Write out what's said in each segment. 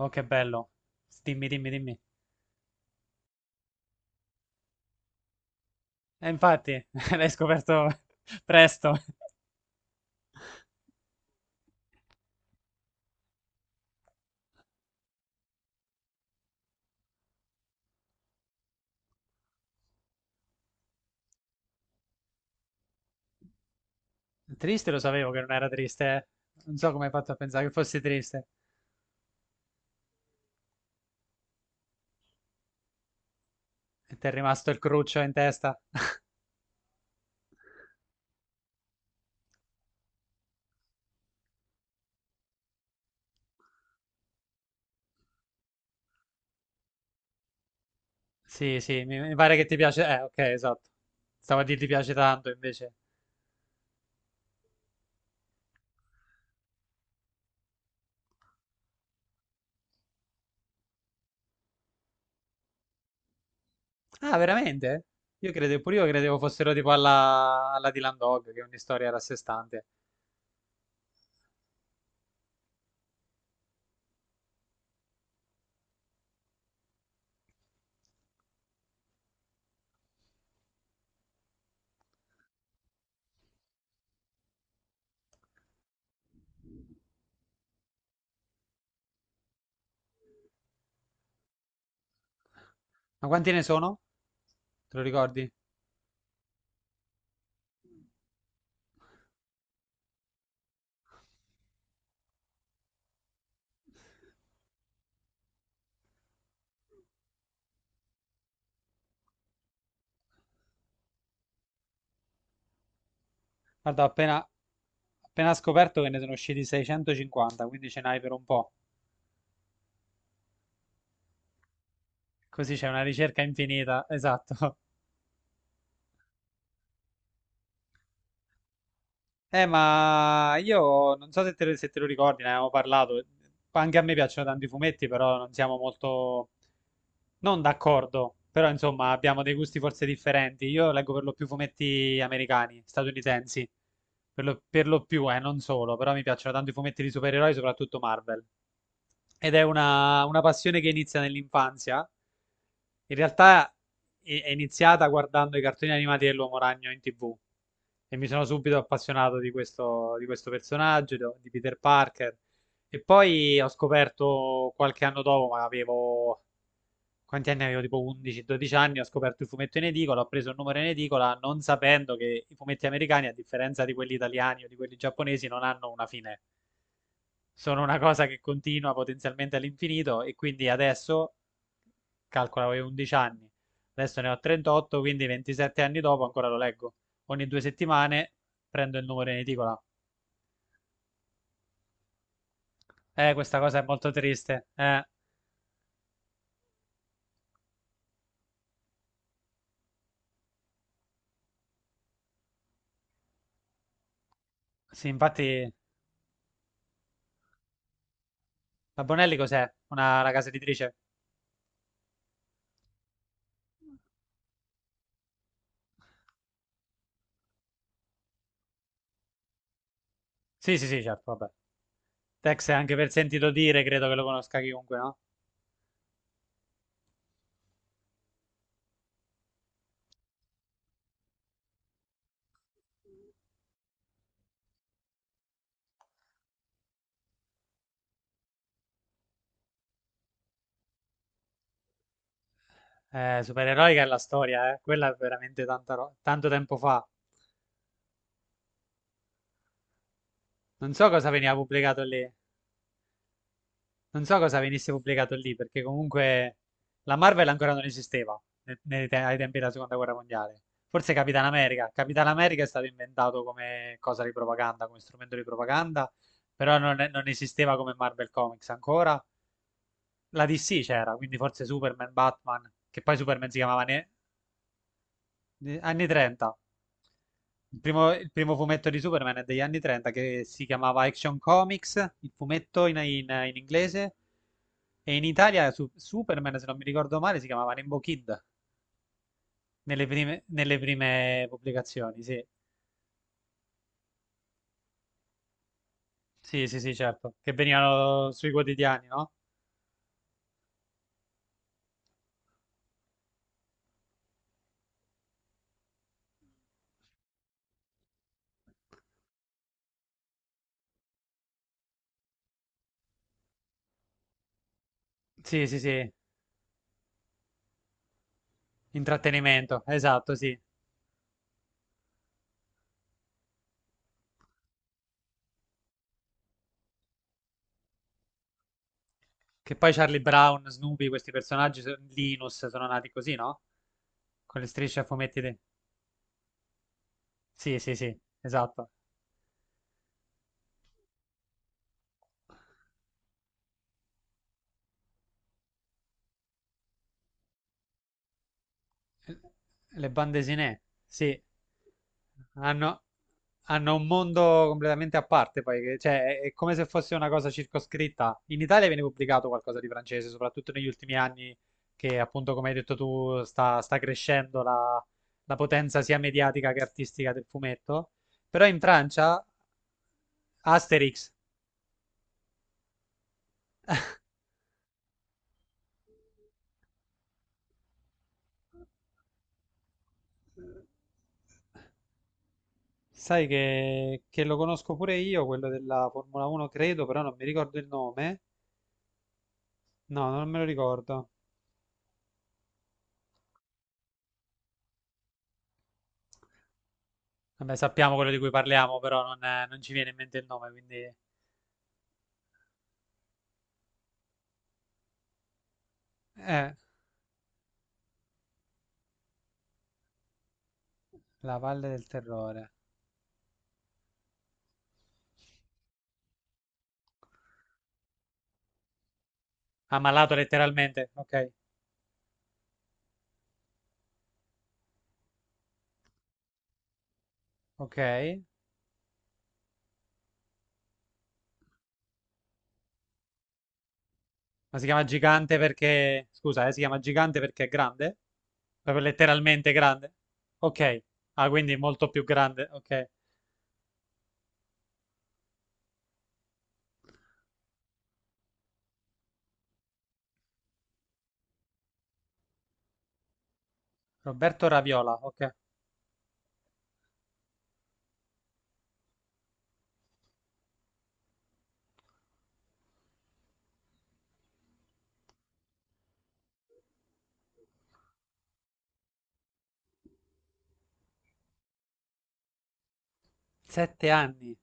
Oh, che bello. Dimmi, dimmi, dimmi. E infatti, l'hai scoperto presto. Triste lo sapevo che non era triste, eh. Non so come hai fatto a pensare che fossi triste. E ti è rimasto il cruccio in testa. Sì, sì, mi pare che ti piace. Ok, esatto. Stavo a dire ti piace tanto, invece. Ah, veramente? Io credevo, pure io credevo fossero tipo alla Dylan Dog, che è ogni storia era a sé stante. Ma quanti ne sono? Te lo ricordi? Guarda, ho appena scoperto che ne sono usciti 650, quindi ce n'hai per un po'. Così c'è una ricerca infinita, esatto. Ma io non so se te lo ricordi, ne avevamo parlato. Anche a me piacciono tanti fumetti, però non siamo molto, non d'accordo, però insomma abbiamo dei gusti forse differenti. Io leggo per lo più fumetti americani, statunitensi. Per lo più, non solo, però mi piacciono tanto i fumetti di supereroi, soprattutto Marvel. Ed è una passione che inizia nell'infanzia. In realtà è iniziata guardando i cartoni animati dell'Uomo Ragno in TV e mi sono subito appassionato di questo, personaggio, di Peter Parker. E poi ho scoperto qualche anno dopo, ma avevo. Quanti anni avevo? Tipo 11-12 anni, ho scoperto il fumetto in edicola, ho preso il numero in edicola non sapendo che i fumetti americani, a differenza di quelli italiani o di quelli giapponesi, non hanno una fine. Sono una cosa che continua potenzialmente all'infinito e quindi adesso, calcola, avevo 11 anni, adesso ne ho 38, quindi 27 anni dopo ancora lo leggo. Ogni 2 settimane prendo il numero in edicola. Questa cosa è molto triste. Sì, infatti. La Bonelli cos'è? Una casa editrice? Sì, sì, sì, certo, vabbè. Tex è anche per sentito dire, credo che lo conosca chiunque, no? Supereroica è la storia, eh. Quella è veramente tanto tempo fa. Non so cosa veniva pubblicato lì. Non so cosa venisse pubblicato lì, perché comunque la Marvel ancora non esisteva ai tempi della Seconda Guerra Mondiale. Forse Capitan America. Capitan America è stato inventato come cosa di propaganda, come strumento di propaganda, però non esisteva come Marvel Comics ancora. La DC c'era, quindi forse Superman, Batman, che poi Superman si chiamava anni 30. Il primo fumetto di Superman è degli anni 30 che si chiamava Action Comics, il fumetto in inglese, e in Italia Superman, se non mi ricordo male, si chiamava Rainbow Kid nelle prime pubblicazioni, sì. Sì, sì, sì, certo, che venivano sui quotidiani, no? Sì, sì, sì, intrattenimento, esatto, sì. Che poi Charlie Brown, Snoopy, questi personaggi, Linus, sono nati così, no? Con le strisce a fumetti. Sì, sì, sì, esatto. Le bande desinè, sì, hanno, hanno un mondo completamente a parte, poi, cioè, è come se fosse una cosa circoscritta. In Italia viene pubblicato qualcosa di francese, soprattutto negli ultimi anni, che appunto, come hai detto tu, sta crescendo la potenza sia mediatica che artistica del fumetto. Però in Francia, Asterix, sai che lo conosco pure io, quello della Formula 1, credo, però non mi ricordo il nome. No, non me lo ricordo. Vabbè, sappiamo quello di cui parliamo, però non ci viene in mente il nome, quindi. Eh, la Valle del Terrore. Ammalato letteralmente, ok, ok. Ma si chiama gigante perché. Scusa, si chiama gigante perché è grande? Proprio letteralmente grande? Ok. Ah, quindi molto più grande, ok. Roberto Raviola, ok. 7 anni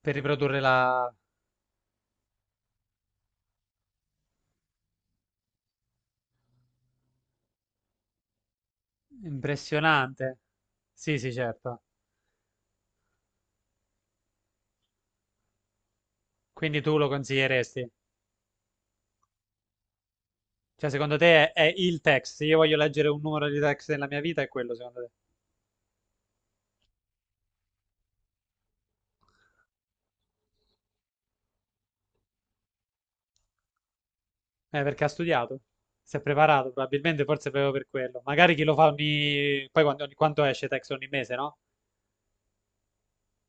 per riprodurre la. Impressionante. Sì, sì, certo. Quindi tu lo consiglieresti? Cioè, secondo te è il text? Se io voglio leggere un numero di text nella mia vita, è quello, secondo te? Perché ha studiato? Si è preparato, probabilmente, forse proprio per quello. Magari chi lo fa ogni. Poi quanto esce text ogni mese, no?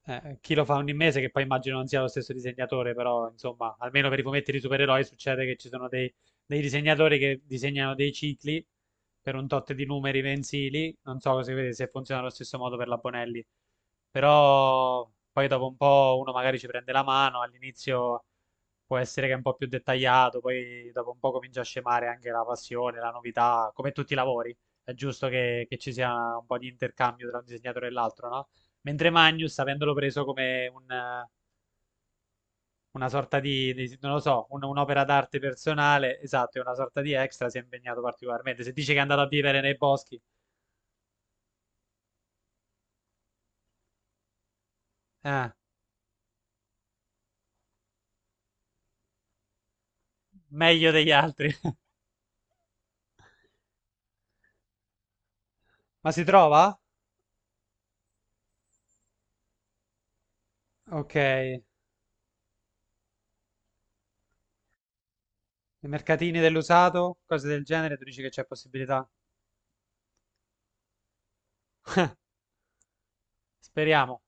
Chi lo fa ogni mese, che poi immagino non sia lo stesso disegnatore, però, insomma, almeno per i fumetti di supereroi succede che ci sono dei disegnatori che disegnano dei cicli per un tot di numeri mensili. Non so se funziona allo stesso modo per la Bonelli. Però poi dopo un po' uno magari ci prende la mano, all'inizio può essere che è un po' più dettagliato, poi dopo un po' comincia a scemare anche la passione, la novità, come tutti i lavori, è giusto che ci sia un po' di intercambio tra un disegnatore e l'altro, no? Mentre Magnus, avendolo preso come una sorta non lo so, un'opera d'arte personale, esatto, è una sorta di extra, si è impegnato particolarmente. Se dice che è andato a vivere nei boschi, eh, meglio degli altri. Ma si trova? Ok. I mercatini dell'usato, cose del genere, tu dici che c'è possibilità? Speriamo.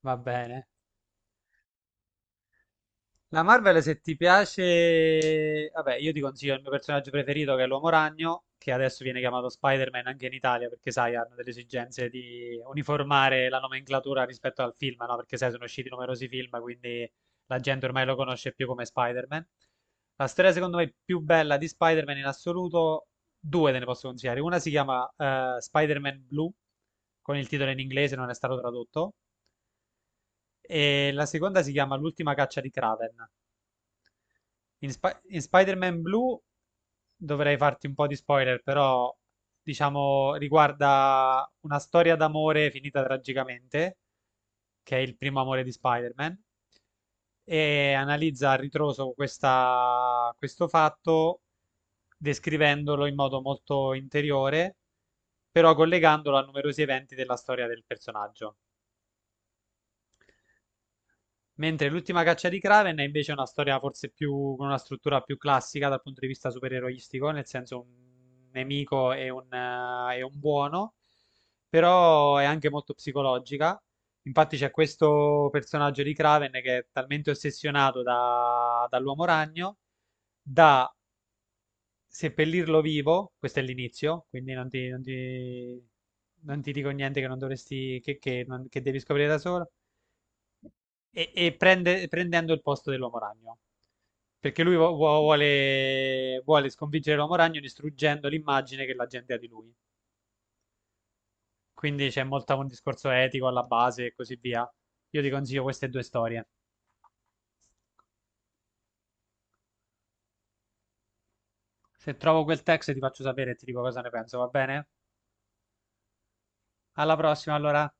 Va bene. La Marvel, se ti piace, vabbè, io ti consiglio il mio personaggio preferito che è l'Uomo Ragno, che adesso viene chiamato Spider-Man anche in Italia, perché sai, hanno delle esigenze di uniformare la nomenclatura rispetto al film, no? Perché sai, sono usciti numerosi film, quindi la gente ormai lo conosce più come Spider-Man. La storia, secondo me, più bella di Spider-Man in assoluto, due te ne posso consigliare. Una si chiama Spider-Man Blue, con il titolo in inglese, non è stato tradotto, e la seconda si chiama L'ultima caccia di Kraven. In Spider-Man Blue dovrei farti un po' di spoiler, però diciamo riguarda una storia d'amore finita tragicamente, che è il primo amore di Spider-Man, e analizza a ritroso questo fatto descrivendolo in modo molto interiore, però collegandolo a numerosi eventi della storia del personaggio. Mentre l'ultima caccia di Kraven è invece una storia forse più con una struttura più classica dal punto di vista supereroistico, nel senso un nemico e un buono, però è anche molto psicologica. Infatti c'è questo personaggio di Kraven che è talmente ossessionato dall'Uomo Ragno da seppellirlo vivo, questo è l'inizio, quindi non ti dico niente che non dovresti, che non- che devi scoprire da solo prendendo il posto dell'Uomo Ragno. Perché lui vuole sconfiggere l'Uomo Ragno distruggendo l'immagine che la gente ha di lui. Quindi c'è molto un discorso etico alla base e così via. Io ti consiglio queste due storie. Se trovo quel text ti faccio sapere e ti dico cosa ne penso, va bene? Alla prossima, allora.